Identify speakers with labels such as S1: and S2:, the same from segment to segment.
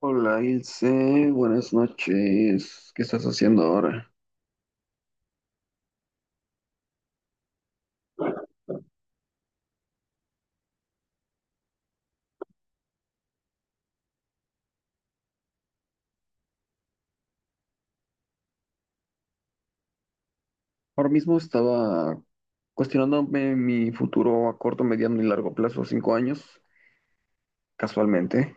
S1: Hola Ilse, buenas noches. ¿Qué estás haciendo ahora? Ahora mismo estaba cuestionándome mi futuro a corto, mediano y largo plazo, 5 años, casualmente.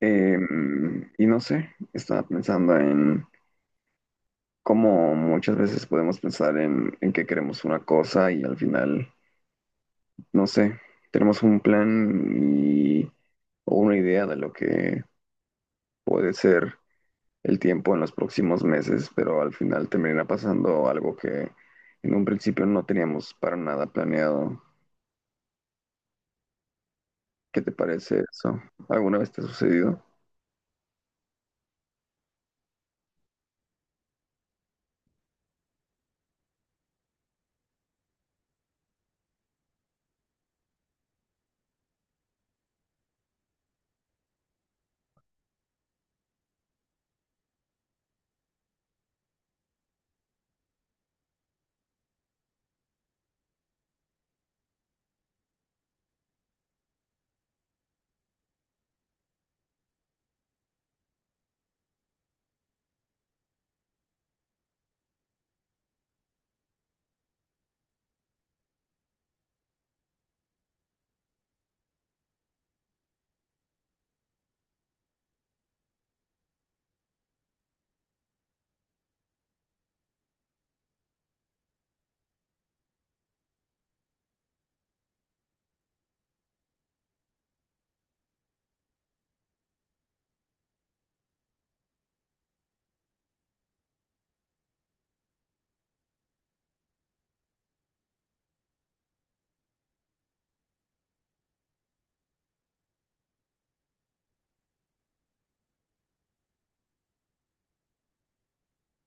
S1: Y no sé, estaba pensando en cómo muchas veces podemos pensar en que queremos una cosa y al final, no sé, tenemos un plan y, o una idea de lo que puede ser el tiempo en los próximos meses, pero al final termina pasando algo que en un principio no teníamos para nada planeado. ¿Qué te parece eso? ¿Alguna vez te ha sucedido?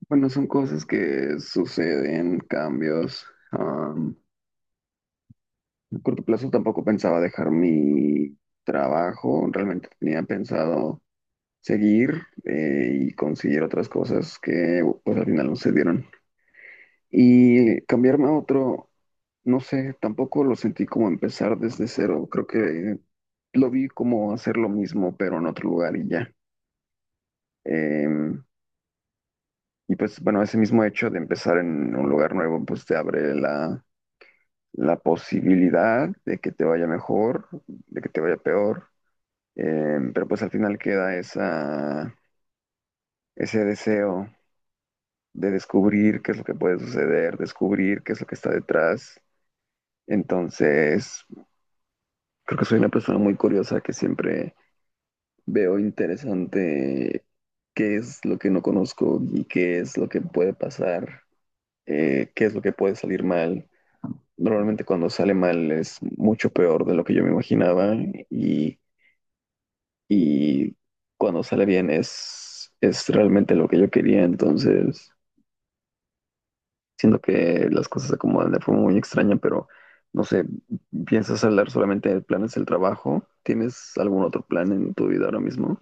S1: Bueno, son cosas que suceden, cambios. Am, a corto plazo tampoco pensaba dejar mi trabajo, realmente tenía pensado seguir y conseguir otras cosas que pues al final no se dieron. Y cambiarme a otro, no sé, tampoco lo sentí como empezar desde cero. Creo que lo vi como hacer lo mismo, pero en otro lugar y ya. Em, y pues bueno, ese mismo hecho de empezar en un lugar nuevo, pues te abre la posibilidad de que te vaya mejor, de que te vaya peor. Pero pues al final queda ese deseo de descubrir qué es lo que puede suceder, descubrir qué es lo que está detrás. Entonces... Creo que soy una persona muy curiosa que siempre veo interesante qué es lo que no conozco y qué es lo que puede pasar, qué es lo que puede salir mal. Normalmente cuando sale mal es mucho peor de lo que yo me imaginaba y, y cuando sale bien es realmente lo que yo quería. Entonces, siento que las cosas se acomodan de forma muy extraña, pero no sé, ¿piensas hablar solamente de planes del trabajo? ¿Tienes algún otro plan en tu vida ahora mismo?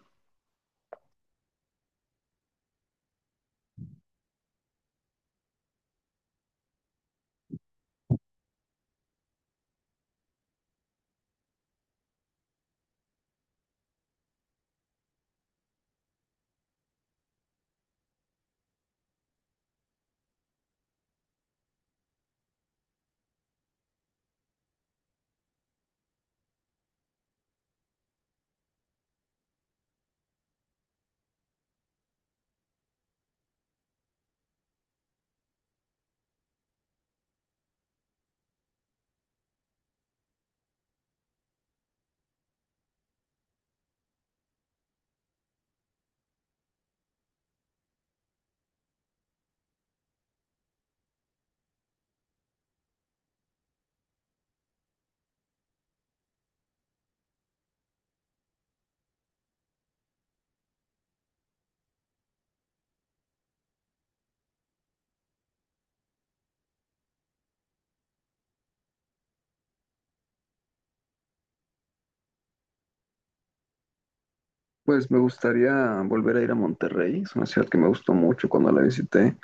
S1: Pues me gustaría volver a ir a Monterrey, es una ciudad que me gustó mucho cuando la visité.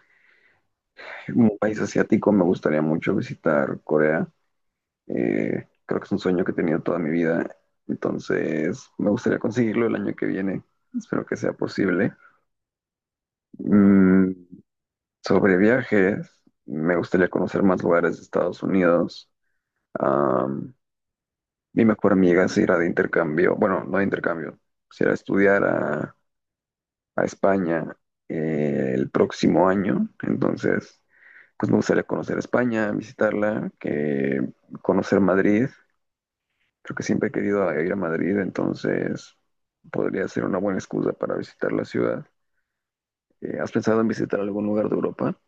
S1: Un país asiático, me gustaría mucho visitar Corea. Creo que es un sueño que he tenido toda mi vida, entonces me gustaría conseguirlo el año que viene. Espero que sea posible. Mm, sobre viajes, me gustaría conocer más lugares de Estados Unidos. Am, Mi mejor amiga se irá de intercambio, bueno, no de intercambio, se irá a estudiar a España el próximo año. Entonces, pues me gustaría conocer España, visitarla, que conocer Madrid. Creo que siempre he querido ir a Madrid, entonces podría ser una buena excusa para visitar la ciudad. ¿Has pensado en visitar algún lugar de Europa?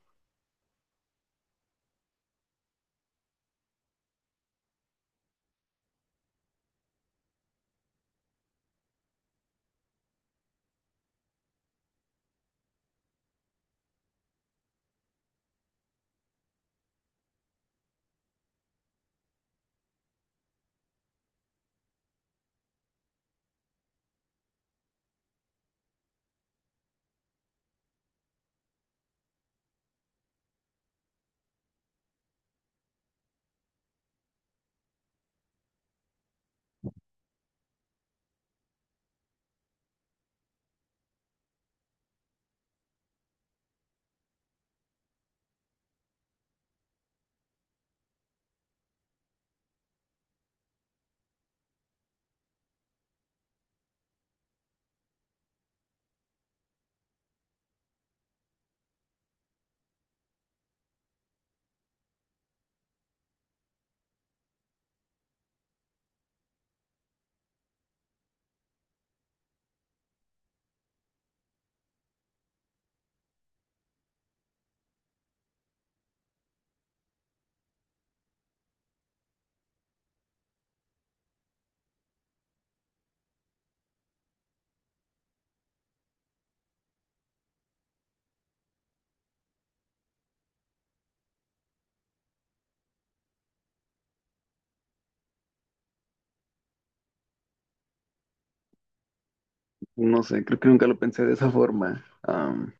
S1: No sé, creo que nunca lo pensé de esa forma,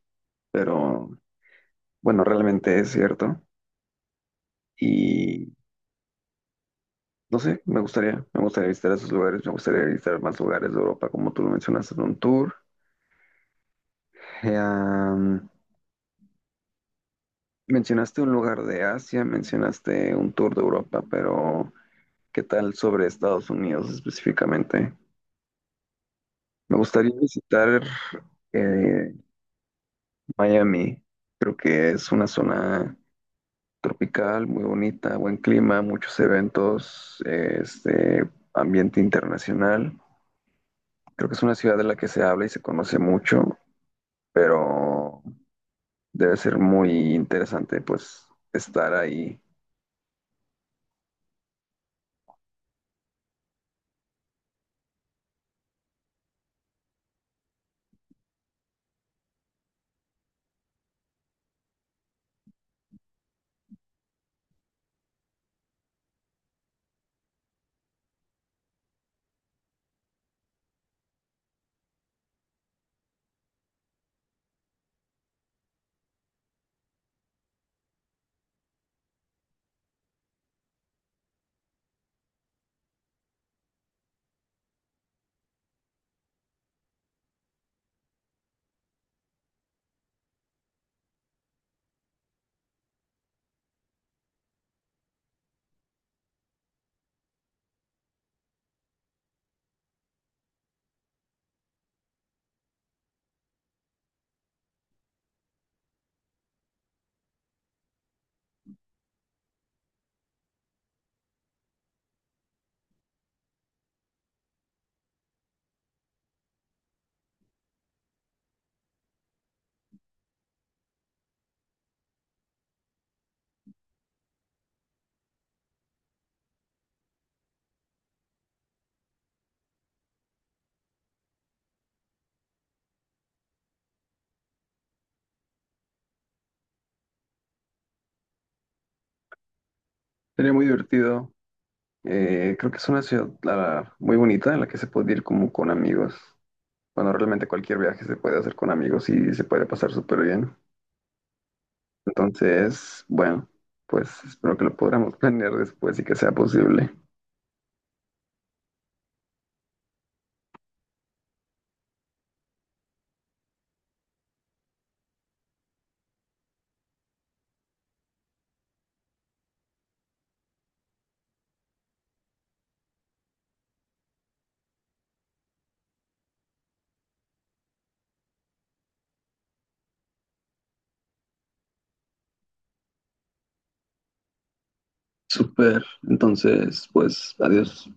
S1: pero bueno, realmente es cierto. Y no sé, me gustaría visitar esos lugares, me gustaría visitar más lugares de Europa, como tú lo mencionaste en un tour. Eh, am, Mencionaste un lugar de Asia, mencionaste un tour de Europa, pero ¿qué tal sobre Estados Unidos específicamente? Me gustaría visitar eh, Miami. Creo que es una zona tropical, muy bonita, buen clima, muchos eventos, este ambiente internacional. Creo que es una ciudad de la que se habla y se conoce mucho, pero debe ser muy interesante pues estar ahí. Sería muy divertido. Creo que es una ciudad muy bonita en la que se puede ir como con amigos. Bueno, realmente cualquier viaje se puede hacer con amigos y se puede pasar súper bien. Entonces, bueno, pues espero que lo podamos planear después y que sea posible. Súper. Entonces, pues adiós.